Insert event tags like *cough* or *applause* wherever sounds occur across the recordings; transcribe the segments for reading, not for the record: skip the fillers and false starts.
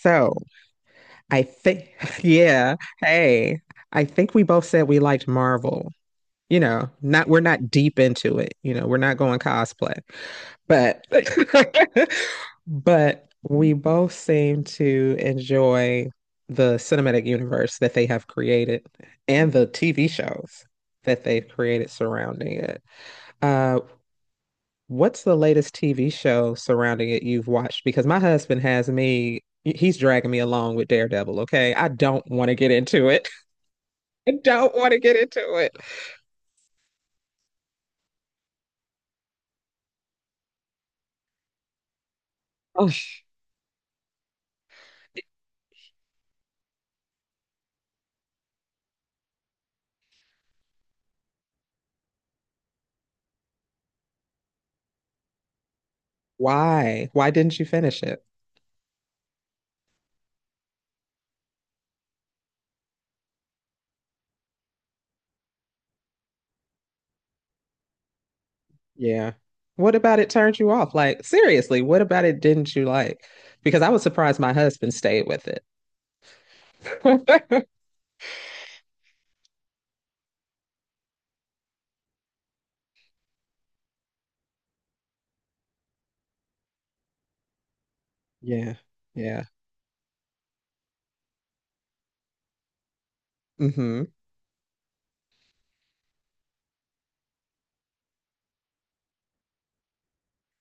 So I think, *laughs* yeah, hey, I think we both said we liked Marvel. Not we're not deep into it. We're not going cosplay, but *laughs* but we both seem to enjoy the cinematic universe that they have created and the TV shows that they've created surrounding it. Uh, What's the latest TV show surrounding it you've watched? Because my husband has me, he's dragging me along with Daredevil, okay? I don't want to get into it. *laughs* I don't want to get into it. Oh, why? Why didn't you finish it? Yeah. What about it turned you off? Like, seriously, what about it didn't you like? Because I was surprised my husband stayed with it. *laughs* Yeah. Yeah. Hmm.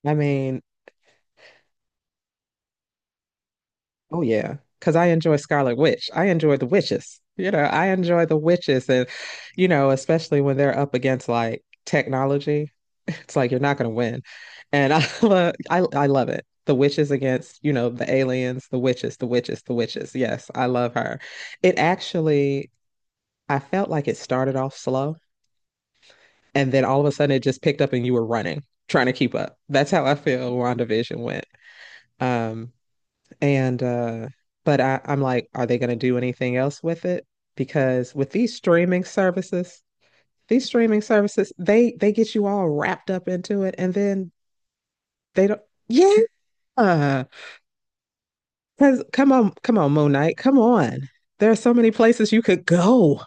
I mean, oh yeah, because I enjoy Scarlet Witch. I enjoy the witches. I enjoy the witches, and especially when they're up against like technology, it's like you're not going to win. And I, *laughs* lo- I love it. The witches against, the aliens, the witches, the witches, the witches. Yes, I love her. It actually, I felt like it started off slow, and then all of a sudden it just picked up, and you were running, trying to keep up. That's how I feel WandaVision went. Um, and but I'm like, are they going to do anything else with it? Because with these streaming services, they get you all wrapped up into it, and then they don't. Yeah, because come on, come on, Moon Knight, come on. There are so many places you could go.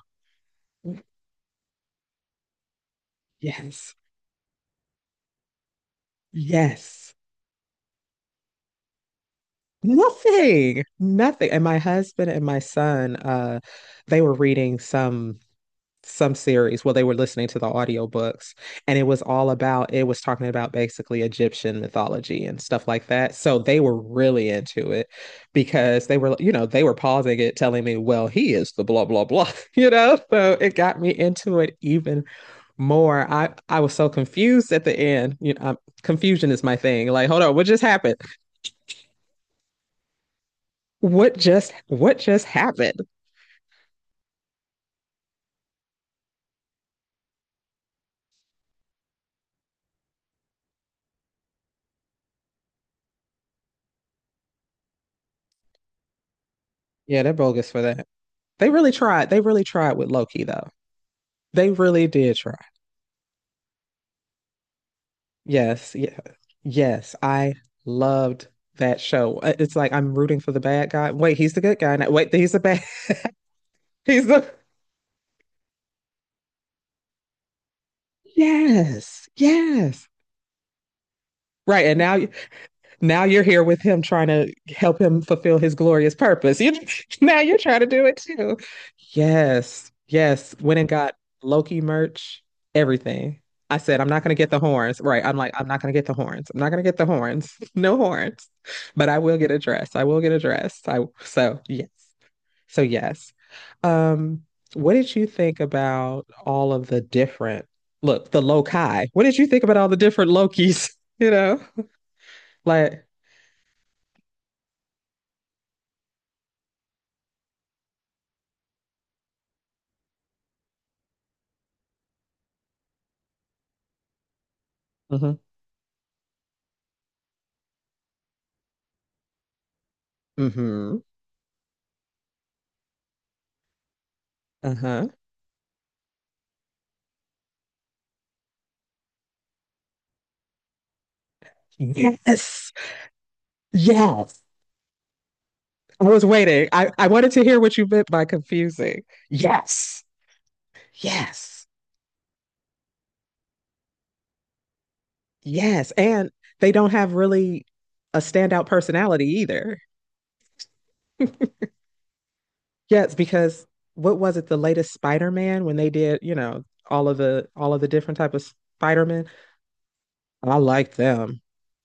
Yes, yes. Nothing, nothing. And my husband and my son, they were reading some series. Well, they were listening to the audiobooks and it was talking about basically Egyptian mythology and stuff like that. So they were really into it because they were, you know, they were pausing it telling me, well, he is the blah blah blah, *laughs* you know, so it got me into it even more. I was so confused at the end. Confusion is my thing. Like hold on, what just happened? What just happened? Yeah, they're bogus for that. They really tried. They really tried with Loki though. They really did try. Yes, yeah, yes. I loved that show. It's like I'm rooting for the bad guy. Wait, he's the good guy now. Wait, he's the bad. *laughs* He's the. Yes, yes. Right, and now now you're here with him trying to help him fulfill his glorious purpose. You, *laughs* now you're trying to do it too. Yes. Yes. Went and got Loki merch, everything. I said, I'm not going to get the horns. Right. I'm like, I'm not going to get the horns. I'm not going to get the horns. *laughs* No horns. But I will get a dress. I will get a dress. I so yes. So yes. Um what did you think about all of the different look, the Loki? What did you think about all the different Lokis, *laughs* you know? Like mhm. Mm-hmm. Uh-huh. Yes. Yes. I was waiting. I wanted to hear what you meant by confusing. Yes. Yes. Yes. And they don't have really a standout personality either. Yes, because what was it, the latest Spider-Man when they did, all of the different type of Spider-Man? I like them.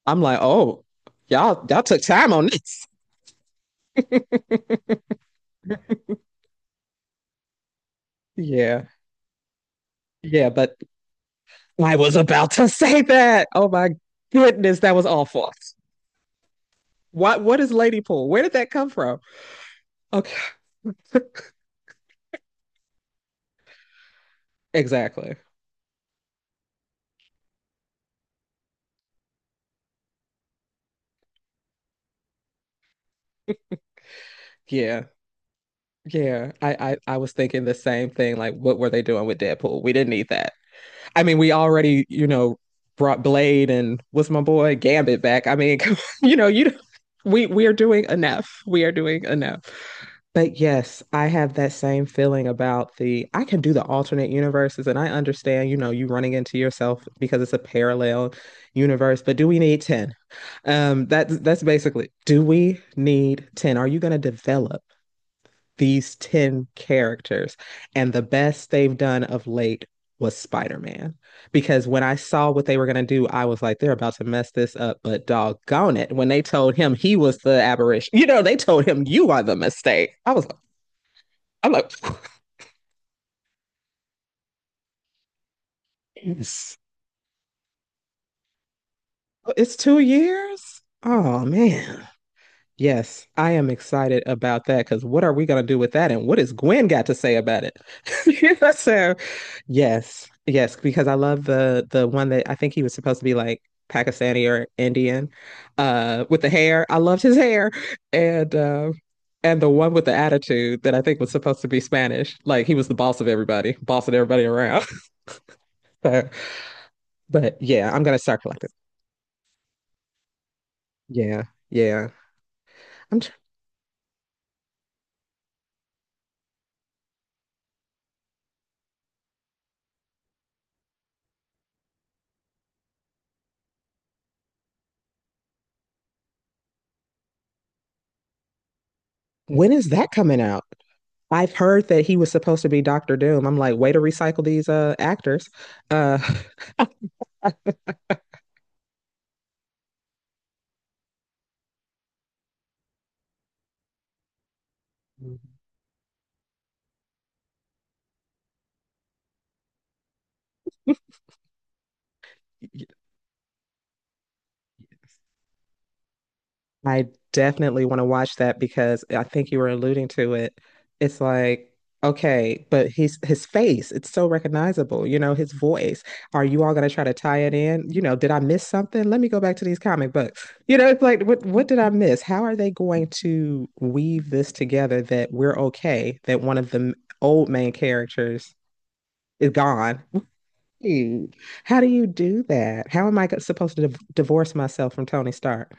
I'm like, oh, y'all took time on this. *laughs* Yeah. Yeah, but I was about to say that. Oh my goodness, that was awful. What is lady pool? Where did that come from? Okay. *laughs* Exactly. Yeah. Yeah. I I was thinking the same thing. Like, what were they doing with Deadpool? We didn't need that. I mean, we already, brought Blade and what's my boy Gambit back. I mean, *laughs* you know, you we are doing enough. We are doing enough. But yes, I have that same feeling about the I can do the alternate universes and I understand, you running into yourself because it's a parallel universe, but do we need 10? That's basically, do we need 10? Are you going to develop these 10 characters? And the best they've done of late was Spider-Man. Because when I saw what they were going to do, I was like, they're about to mess this up, but doggone it. When they told him he was the aberration, *laughs* you know, they told him you are the mistake. I'm like, yes. It's 2 years. Oh man. Yes, I am excited about that because what are we going to do with that? And what has Gwen got to say about it? *laughs* You know, so yes, yes, because I love the one that I think he was supposed to be like Pakistani or Indian, with the hair. I loved his hair. And uh, and the one with the attitude that I think was supposed to be Spanish. Like he was the boss of everybody, bossing everybody around. *laughs* So, but yeah, I'm gonna start collecting. Yeah, yeah. I'm tr- when is that coming out? I've heard that he was supposed to be Doctor Doom. I'm like, way to recycle these actors. Uh, I definitely want to watch that because I think you were alluding to it. It's like, okay, but he's his face, it's so recognizable, his voice. Are you all gonna try to tie it in? You know, did I miss something? Let me go back to these comic books. It's like, what did I miss? How are they going to weave this together that we're okay, that one of the old main characters is gone? Dude, how do you do that? How am I go- supposed to divorce myself from Tony Stark?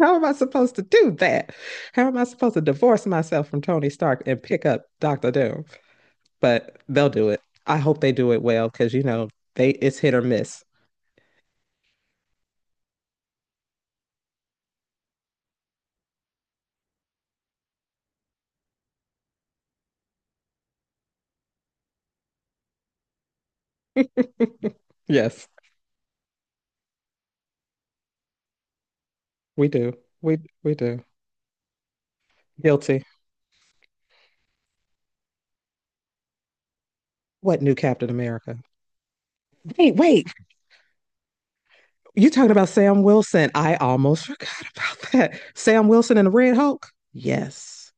How am I supposed to do that? How am I supposed to divorce myself from Tony Stark and pick up Doctor Doom? But they'll do it. I hope they do it well because you know they it's hit or miss. Yes, we do. We do. Guilty. What new Captain America? Wait, wait. You talking about Sam Wilson? I almost forgot about that. Sam Wilson and the Red Hulk. Yes,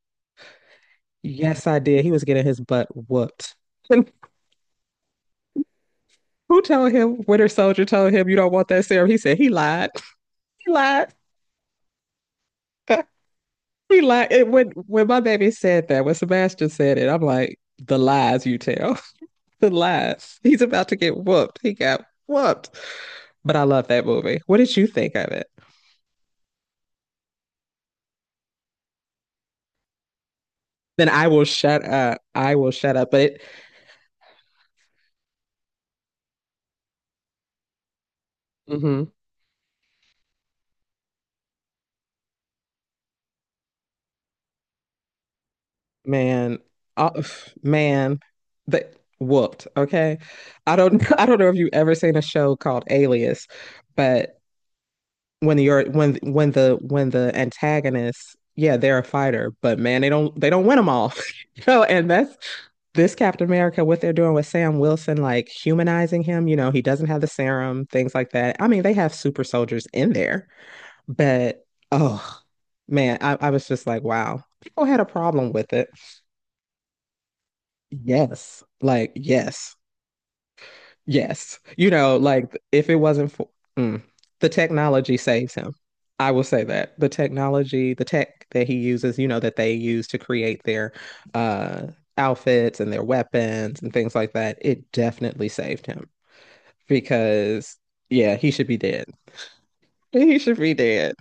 yes, I did. He was getting his butt whooped. *laughs* And who told him? Winter Soldier told him you don't want that serum. He said he lied. He lied. *laughs* He lied. When my baby said that, when Sebastian said it, I'm like, the lies you tell, *laughs* the lies. He's about to get whooped. He got whooped. But I love that movie. What did you think of it? Then I will shut up. I will shut up. Mhm. man, uh, man, the whooped. Okay, I don't. *laughs* I don't know if you ever seen a show called Alias, but when the antagonists, yeah, they're a fighter, but man they don't, they don't win them all. *laughs* You know, and that's this Captain America. What they're doing with Sam Wilson, like humanizing him, you know, he doesn't have the serum, things like that. I mean they have super soldiers in there, but oh man, I was just like wow, people had a problem with it. Yes, like yes. Yes. You know, like if it wasn't for mm, the technology saves him. I will say that the technology, the tech that he uses, you know, that they use to create their uh outfits and their weapons and things like that, it definitely saved him because yeah, he should be dead. *laughs* He should be dead.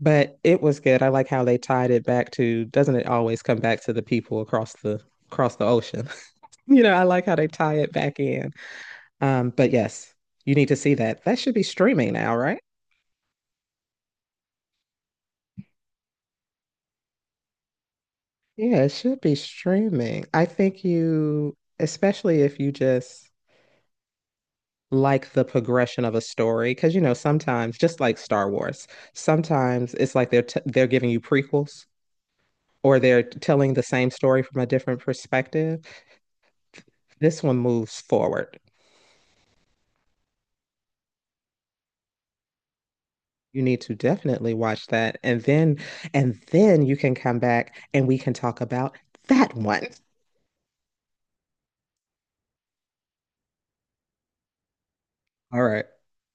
But it was good. I like how they tied it back to, doesn't it always come back to the people across the ocean? *laughs* You know, I like how they tie it back in. But yes, you need to see that. That should be streaming now, right? Yeah, it should be streaming. I think you, especially if you just like the progression of a story, because you know sometimes, just like Star Wars, sometimes it's like they're giving you prequels or they're telling the same story from a different perspective. This one moves forward. You need to definitely watch that, and then you can come back and we can talk about that one. All right.